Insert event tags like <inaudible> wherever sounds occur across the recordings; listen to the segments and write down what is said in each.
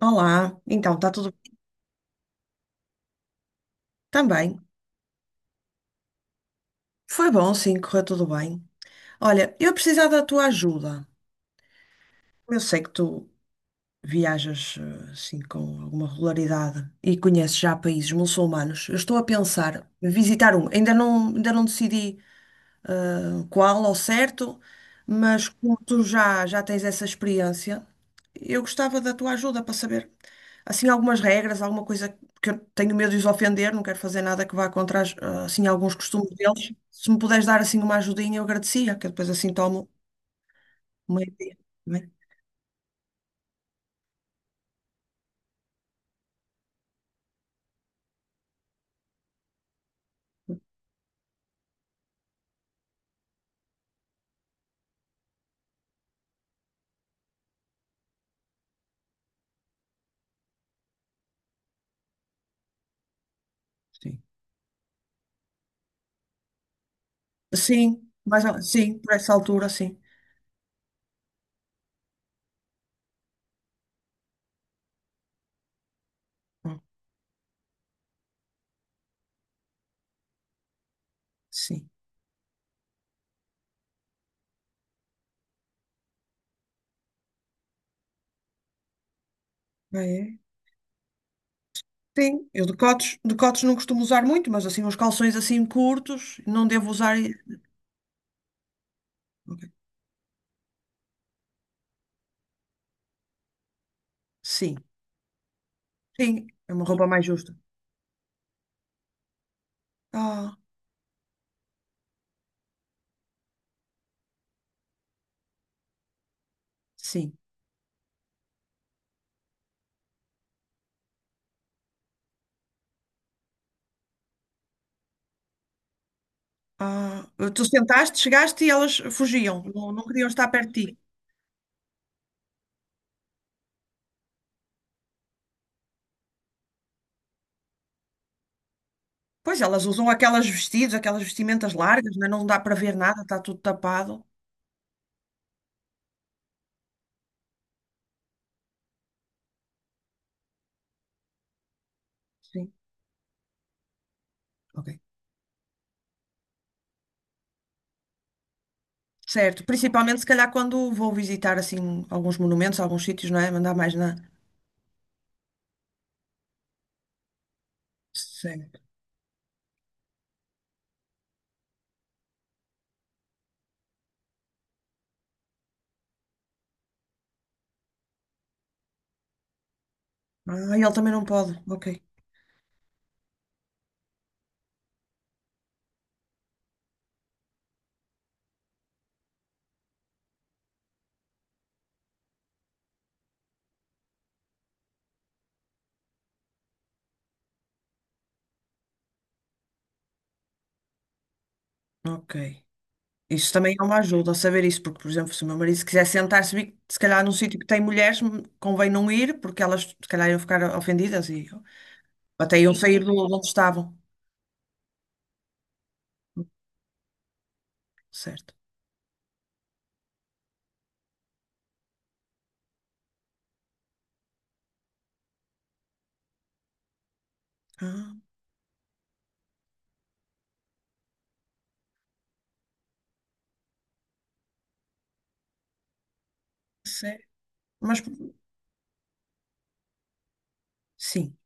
Olá, então está tudo também. Foi bom, sim, correu tudo bem. Olha, eu precisava da tua ajuda. Eu sei que tu viajas assim com alguma regularidade e conheces já países muçulmanos. Eu estou a pensar em visitar um. Ainda não decidi qual ao certo, mas como tu já tens essa experiência, eu gostava da tua ajuda para saber, assim, algumas regras, alguma coisa que eu tenho medo de os ofender, não quero fazer nada que vá contra, as, assim, alguns costumes deles. Se me puderes dar, assim, uma ajudinha, eu agradecia, que eu depois assim tomo uma ideia. Tá bem? Sim. Sim, mas, sim, por essa altura, sim. Hum, sim. Ah, é? Sim, eu decotes, decotes não costumo usar muito, mas assim, uns calções assim curtos, não devo usar. Ok. Sim, sim, é uma roupa mais justa. Ah, sim. Ah, tu sentaste, chegaste e elas fugiam, não, não queriam estar perto de ti. Pois elas usam aquelas vestidos, aquelas vestimentas largas, né? Não dá para ver nada, está tudo tapado. Sim, ok. Certo, principalmente se calhar quando vou visitar assim alguns monumentos, alguns sítios, não é? Mandar mais na. Certo. Ah, ele também não pode. Ok, ok. Isso também é uma ajuda, saber isso, porque, por exemplo, se o meu marido se quiser sentar-se, se calhar num sítio que tem mulheres, convém não ir, porque elas se calhar iam ficar ofendidas e até iam sair do, de onde estavam. Certo. Ah, sério. Mas sim.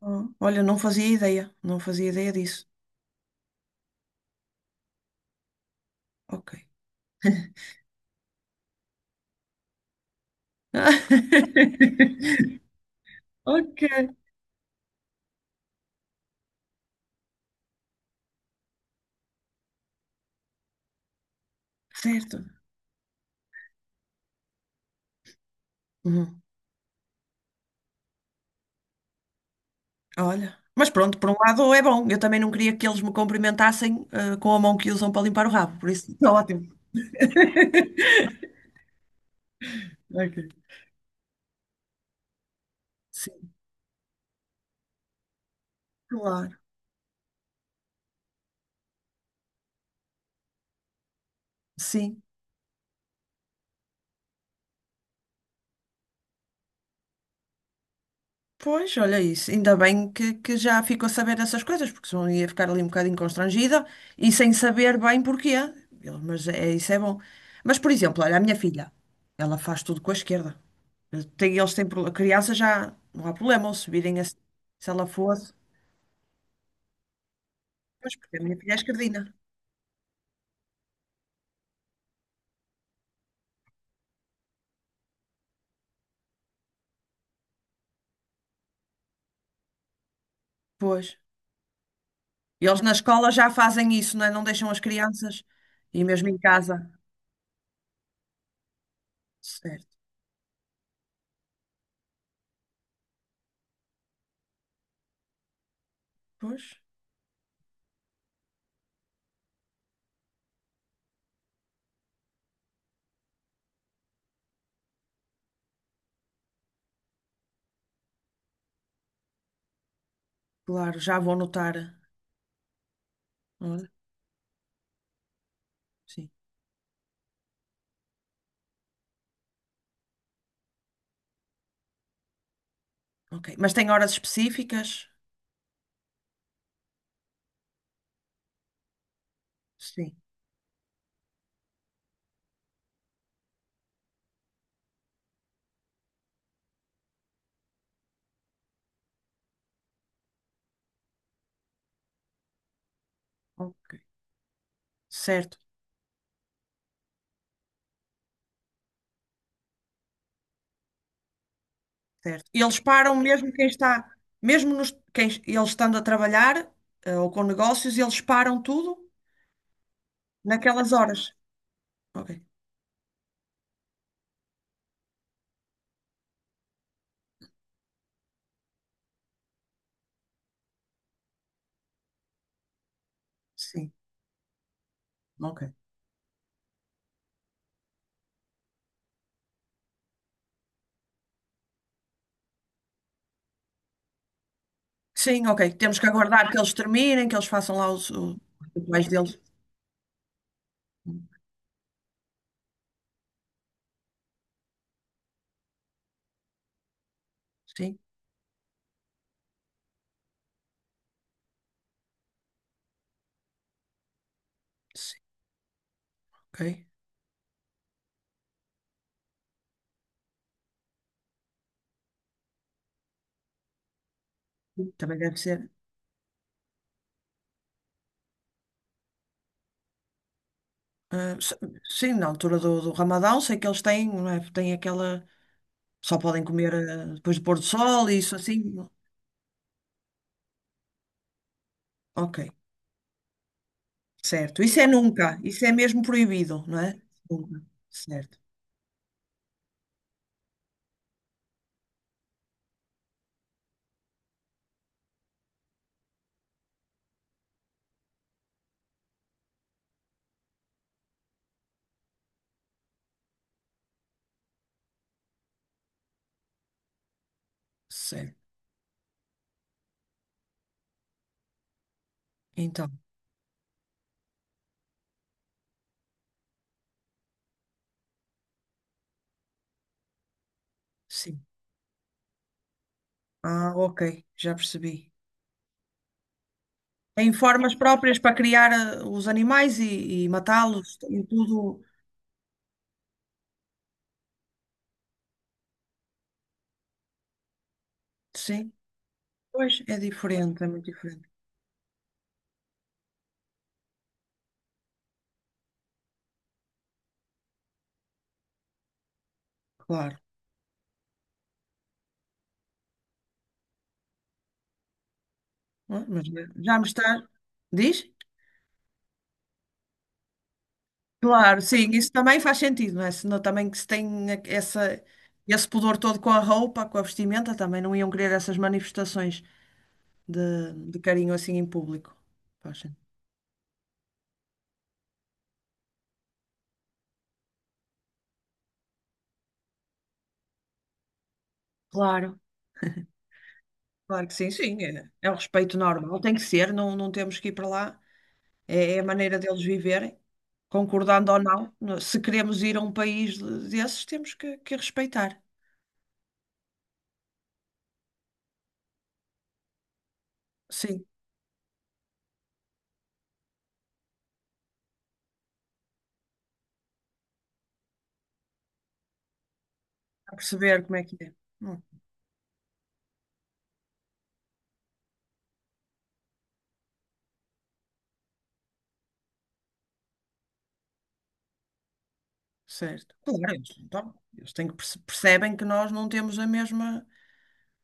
Ah, olha, não fazia ideia, não fazia ideia disso. Ok. <laughs> Ok. Certo. Uhum. Olha. Mas pronto, por um lado é bom. Eu também não queria que eles me cumprimentassem, com a mão que usam para limpar o rabo, por isso está ótimo. <laughs> Ok. Sim, claro. Sim. Pois, olha isso. Ainda bem que já ficou a saber dessas coisas, porque senão ia ficar ali um bocadinho constrangida e sem saber bem porquê. Eu, mas é, isso é bom. Mas, por exemplo, olha, a minha filha, ela faz tudo com a esquerda. Tem, eles têm, a criança já não há problema ou subirem assim. Se ela fosse. Pois, porque a minha filha é esquerdina. Pois. E eles na escola já fazem isso, não é? Não deixam as crianças e mesmo em casa. Certo. Pois, claro, já vou notar. Olha, sim. Ok. Mas tem horas específicas? Sim. Ok. Certo, certo. E eles param mesmo quem está, mesmo nos, quem, eles estando a trabalhar, ou com negócios, eles param tudo naquelas horas. Ok. Sim, ok. Sim, ok. Temos que aguardar que eles terminem, que eles façam lá os rituais deles. Sim, sim, ok. Também deve ser. Ah, s- sim, na altura do, do Ramadão, sei que eles têm, não é? Têm aquela. Só podem comer depois do pôr do sol e isso assim. Ok, certo. Isso é nunca. Isso é mesmo proibido, não é? Nunca. Certo. Certo. Então, sim. Ah, ok. Já percebi. Tem formas próprias para criar os animais e matá-los e tudo. Sim. Pois é diferente, é muito diferente. Claro. Ah, mas já já me está. Diz? Claro, sim, isso também faz sentido, não é? Senão também que se tem essa, esse pudor todo com a roupa, com a vestimenta, também não iam querer essas manifestações de carinho assim em público. Poxa. Claro. Claro que sim, sim. É, é o respeito normal, tem que ser, não, não temos que ir para lá. É, é a maneira deles viverem, concordando ou não. Se queremos ir a um país desses, temos que respeitar. Sim, a perceber como é que é. Hum, certo. Claro, eles, então, eles têm que percebem que nós não temos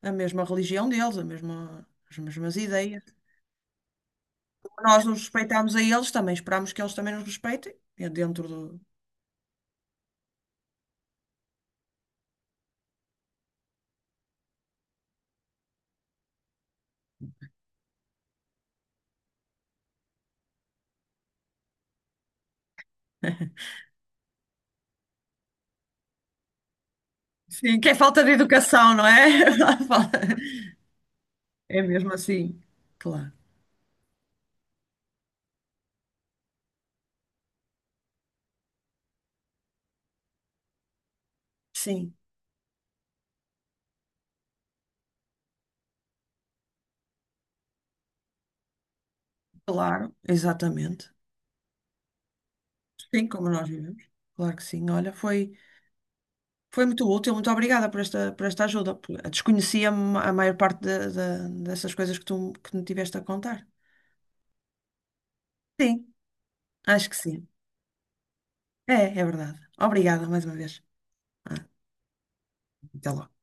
a mesma religião deles, a mesma, as mesmas ideias. Nós os respeitamos a eles, também esperamos que eles também nos respeitem, é dentro do, sim, que é falta de educação, não é? <laughs> Falta- É mesmo assim, claro. Sim, claro, exatamente. Sim, como nós vivemos. Claro que sim. Olha, foi, foi muito útil, muito obrigada por esta ajuda. Desconhecia a maior parte dessas coisas que tu que me tiveste a contar. Sim, acho que sim. É, é verdade. Obrigada mais uma vez. Ah, até logo.